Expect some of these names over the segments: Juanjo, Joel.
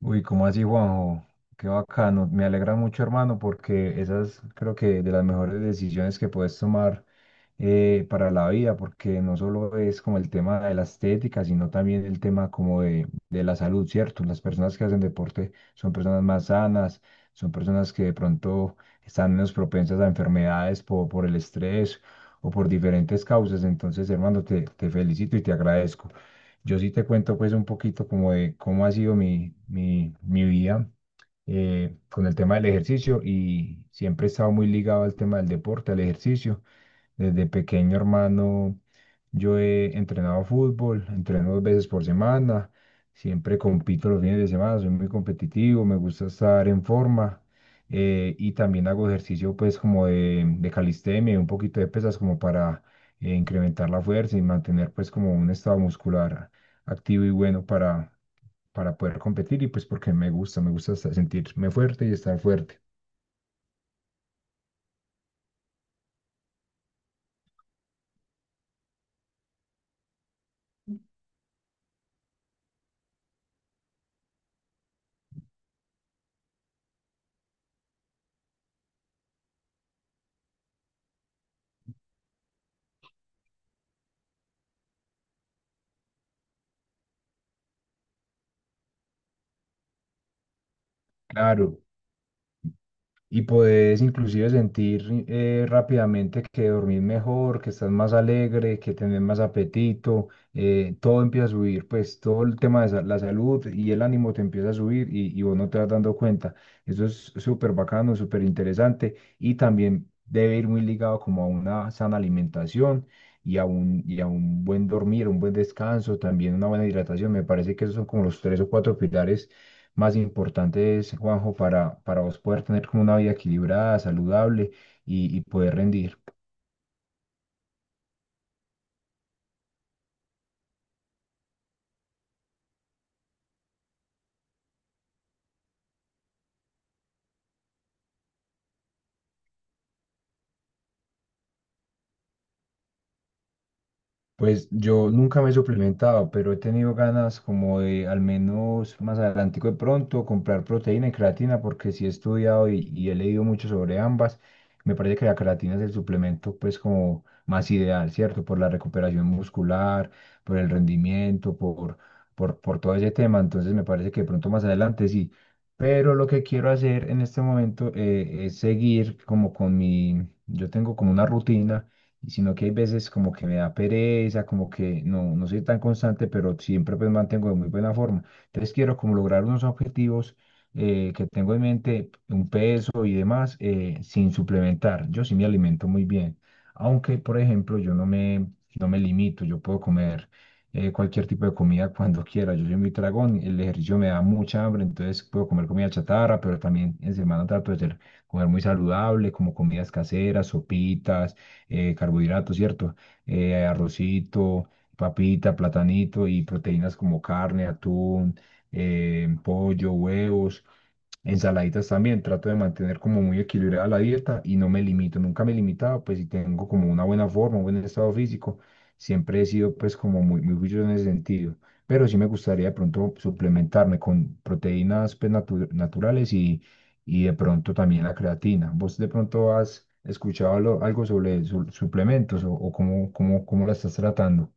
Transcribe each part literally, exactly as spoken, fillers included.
Uy, ¿cómo así, Juanjo? Qué bacano. Me alegra mucho, hermano, porque esas creo que de las mejores decisiones que puedes tomar eh, para la vida, porque no solo es como el tema de la estética, sino también el tema como de, de la salud, ¿cierto? Las personas que hacen deporte son personas más sanas, son personas que de pronto están menos propensas a enfermedades po- por, el estrés o por diferentes causas. Entonces, hermano, te, te felicito y te agradezco. Yo sí te cuento pues un poquito como de cómo ha sido mi, mi, mi vida eh, con el tema del ejercicio y siempre he estado muy ligado al tema del deporte, al ejercicio. Desde pequeño hermano yo he entrenado fútbol, entreno dos veces por semana, siempre compito los fines de semana, soy muy competitivo, me gusta estar en forma eh, y también hago ejercicio pues como de, de calistenia y un poquito de pesas como para eh, incrementar la fuerza y mantener pues como un estado muscular activo y bueno para, para poder competir y pues porque me gusta, me gusta hasta sentirme fuerte y estar fuerte. Claro, y puedes inclusive sentir eh, rápidamente que dormís mejor, que estás más alegre, que tenés más apetito, eh, todo empieza a subir, pues todo el tema de sa- la salud y el ánimo te empieza a subir y, y vos no te vas dando cuenta. Eso es súper bacano, súper interesante y también debe ir muy ligado como a una sana alimentación. Y a un, y a un buen dormir, un buen descanso, también una buena hidratación. Me parece que esos son como los tres o cuatro pilares más importantes, Juanjo, para, para vos poder tener como una vida equilibrada, saludable y, y poder rendir. Pues yo nunca me he suplementado, pero he tenido ganas como de al menos más adelante de pronto comprar proteína y creatina porque sí he estudiado y, y he leído mucho sobre ambas. Me parece que la creatina es el suplemento pues como más ideal, ¿cierto? Por la recuperación muscular, por el rendimiento, por, por, por todo ese tema. Entonces me parece que de pronto más adelante sí. Pero lo que quiero hacer en este momento eh, es seguir como con mi, yo tengo como una rutina sino que hay veces como que me da pereza, como que no, no soy tan constante, pero siempre pues mantengo de muy buena forma. Entonces quiero como lograr unos objetivos eh, que tengo en mente, un peso y demás, eh, sin suplementar. Yo sí me alimento muy bien, aunque por ejemplo yo no me, no me limito, yo puedo comer eh, cualquier tipo de comida cuando quiera. Yo soy muy tragón, el ejercicio me da mucha hambre, entonces puedo comer comida chatarra, pero también en semana trato de ser- comer muy saludable, como comidas caseras, sopitas eh, carbohidratos, ¿cierto? Eh, arrocito, papita, platanito y proteínas como carne, atún, eh, pollo, huevos. Ensaladitas también, trato de mantener como muy equilibrada la dieta y no me limito, nunca me he limitado, pues si tengo como una buena forma, un buen estado físico, siempre he sido pues como muy, muy juicioso en ese sentido, pero sí me gustaría de pronto suplementarme con proteínas pues, natu- naturales y de pronto también la creatina. ¿Vos de pronto has escuchado lo- algo sobre su- suplementos o, o cómo, cómo, cómo la estás tratando?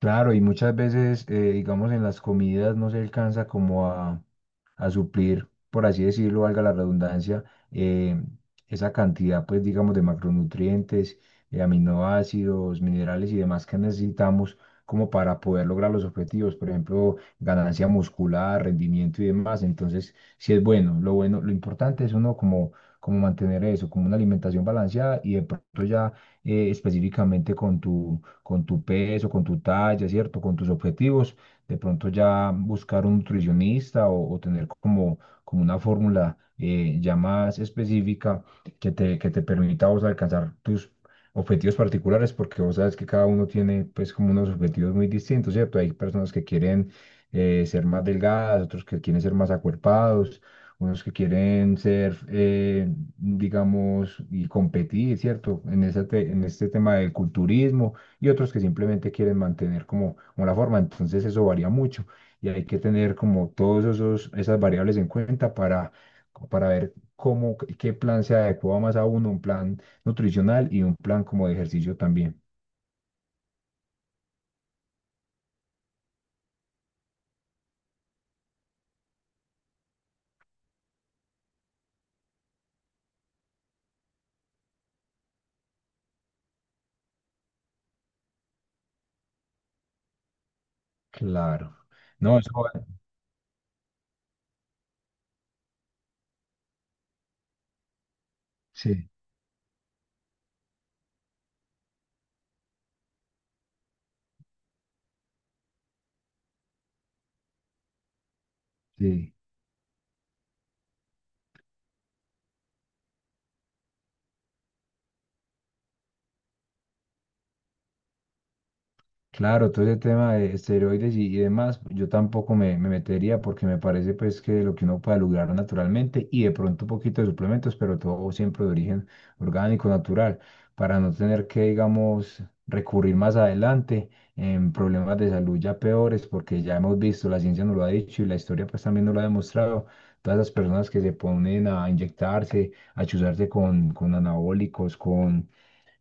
Claro, y muchas veces, eh, digamos, en las comidas no se alcanza como a, a suplir, por así decirlo, valga la redundancia, eh, esa cantidad, pues, digamos, de macronutrientes, eh, aminoácidos, minerales y demás que necesitamos como para poder lograr los objetivos, por ejemplo, ganancia muscular, rendimiento y demás. Entonces, sí es bueno, lo bueno, lo importante es uno como, como mantener eso, como una alimentación balanceada y de pronto ya eh, específicamente con tu con tu peso, con tu talla, ¿cierto? Con tus objetivos, de pronto ya buscar un nutricionista o, o tener como, como una fórmula eh, ya más específica que te, que te permita a vos alcanzar tus objetivos particulares, porque vos sabes que cada uno tiene pues como unos objetivos muy distintos, ¿cierto? Hay personas que quieren eh, ser más delgadas, otros que quieren ser más acuerpados, unos que quieren ser, eh, digamos, y competir, ¿cierto? En ese te- en este tema del culturismo y otros que simplemente quieren mantener como, como la forma. Entonces eso varía mucho y hay que tener como todos esos, esas variables en cuenta para, para ver cómo, qué plan se adecua más a uno, un plan nutricional y un plan como de ejercicio también. Claro. No, eso, va- sí, sí. Claro, todo ese tema de esteroides y, y demás, yo tampoco me, me metería porque me parece pues que lo que uno puede lograr naturalmente y de pronto un poquito de suplementos, pero todo siempre de origen orgánico, natural, para no tener que, digamos, recurrir más adelante en problemas de salud ya peores, porque ya hemos visto, la ciencia nos lo ha dicho y la historia pues también nos lo ha demostrado, todas las personas que se ponen a inyectarse, a chuzarse con, con anabólicos, con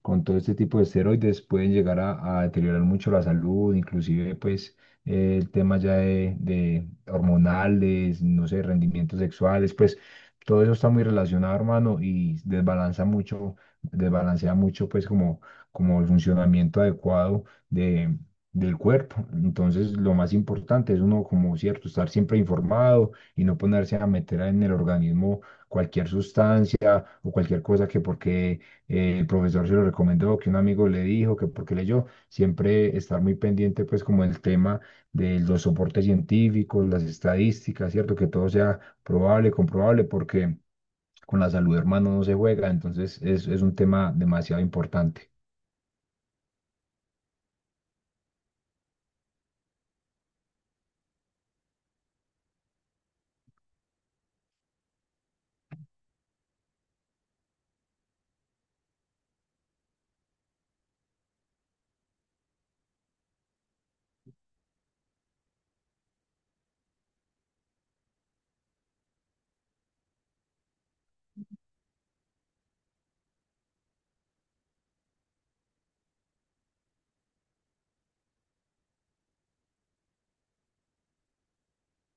con todo este tipo de esteroides pueden llegar a, a deteriorar mucho la salud, inclusive pues eh, el tema ya de, de hormonales, no sé, rendimientos sexuales, pues todo eso está muy relacionado, hermano, y desbalanza mucho, desbalancea mucho pues como, como el funcionamiento adecuado de... del cuerpo. Entonces, lo más importante es uno, como cierto, estar siempre informado y no ponerse a meter en el organismo cualquier sustancia o cualquier cosa que porque eh, el profesor se lo recomendó, que un amigo le dijo, que porque leyó, siempre estar muy pendiente pues como el tema de los soportes científicos, las estadísticas, ¿cierto? Que todo sea probable, comprobable, porque con la salud, hermano, no se juega, entonces es, es un tema demasiado importante.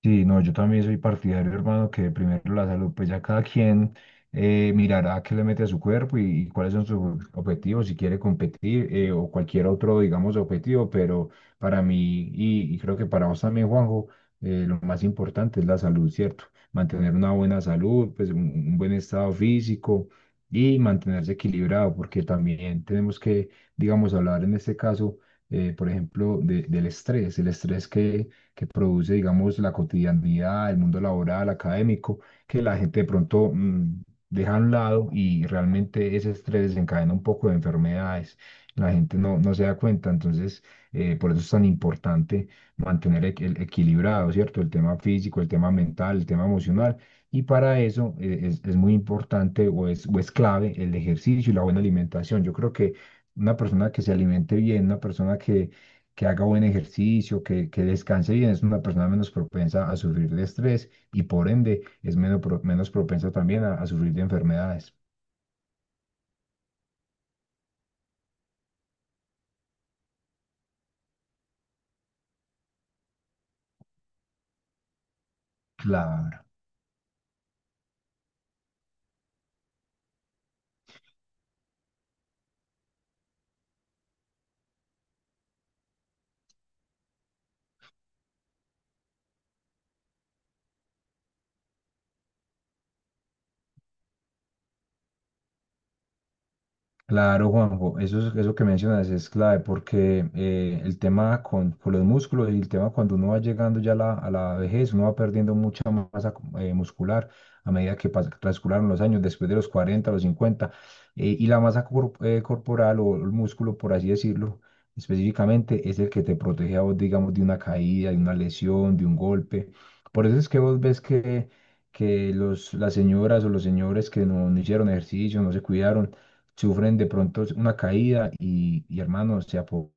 Sí, no, yo también soy partidario, hermano, que primero la salud, pues ya cada quien eh, mirará qué le mete a su cuerpo y, y cuáles son sus objetivos, si quiere competir eh, o cualquier otro, digamos, objetivo, pero para mí y, y creo que para vos también, Juanjo, eh, lo más importante es la salud, ¿cierto? Mantener una buena salud, pues un, un buen estado físico y mantenerse equilibrado, porque también tenemos que, digamos, hablar en este caso, eh, por ejemplo, de- del estrés, el estrés que que produce, digamos, la cotidianidad, el mundo laboral, académico, que la gente de pronto mm, deja a un lado y realmente ese estrés desencadena un poco de enfermedades. La gente no, no se da cuenta, entonces eh, por eso es tan importante mantener equ- el equilibrado, ¿cierto? El tema físico, el tema mental, el tema emocional. Y para eso eh, es, es muy importante o es, o es clave el ejercicio y la buena alimentación. Yo creo que una persona que se alimente bien, una persona que que haga buen ejercicio, que, que descanse bien, es una persona menos propensa a sufrir de estrés y por ende es menos, pro- menos propensa también a, a sufrir de enfermedades. Claro. Claro, Juanjo, eso, es- eso que mencionas es clave porque eh, el tema con, con los músculos y el tema cuando uno va llegando ya a la, a la vejez, uno va perdiendo mucha masa eh, muscular a medida que pas- transcurran los años, después de los cuarenta los cincuenta eh, y la masa cor- eh, corporal o el músculo, por así decirlo, específicamente es el que te protege a vos, digamos, de una caída, de una lesión, de un golpe. Por eso es que vos ves que, que los, las señoras o los señores que no no hicieron ejercicio, no se cuidaron, sufren de pronto una caída y, y hermano, se apoderan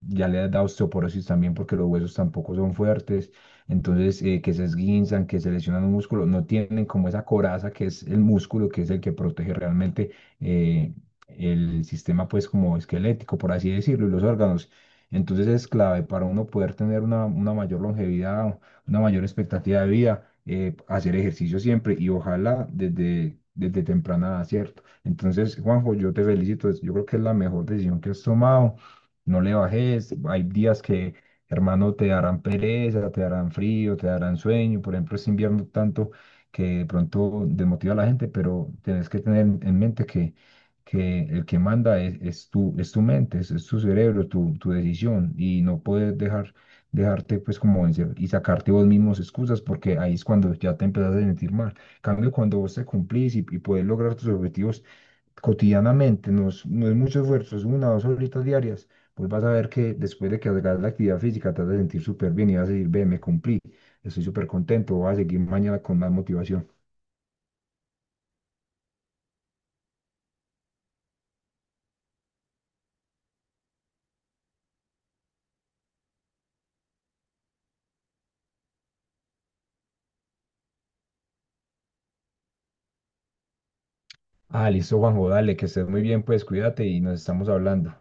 ya le da osteoporosis también porque los huesos tampoco son fuertes, entonces eh, que se esguinzan, que se lesionan un músculo, no tienen como esa coraza que es el músculo, que es el que protege realmente eh, el sistema pues como esquelético, por así decirlo, y los órganos. Entonces es clave para uno poder tener una, una mayor longevidad, una mayor expectativa de vida, eh, hacer ejercicio siempre y ojalá desde, desde temprana edad, ¿cierto? Entonces, Juanjo, yo te felicito, yo creo que es la mejor decisión que has tomado no le bajes. Hay días que, hermano, te darán pereza, te darán frío, te darán sueño. Por ejemplo, este invierno tanto que de pronto desmotiva a la gente, pero tienes que tener en en mente que, que el que manda es, es tu, es tu mente, es, es tu cerebro, tu, tu decisión y no puedes dejar, dejarte pues como vencer y sacarte vos mismos excusas porque ahí es cuando ya te empiezas a sentir mal. En cambio, cuando vos te cumplís y, y puedes lograr tus objetivos cotidianamente, no es, no es mucho esfuerzo, es una o dos horitas diarias, pues vas a ver que después de que hagas la actividad física te vas a sentir súper bien y vas a decir, ve, me cumplí, estoy súper contento, voy a seguir mañana con más motivación. Ah, listo, Juanjo, dale, que estés muy bien, pues cuídate y nos estamos hablando.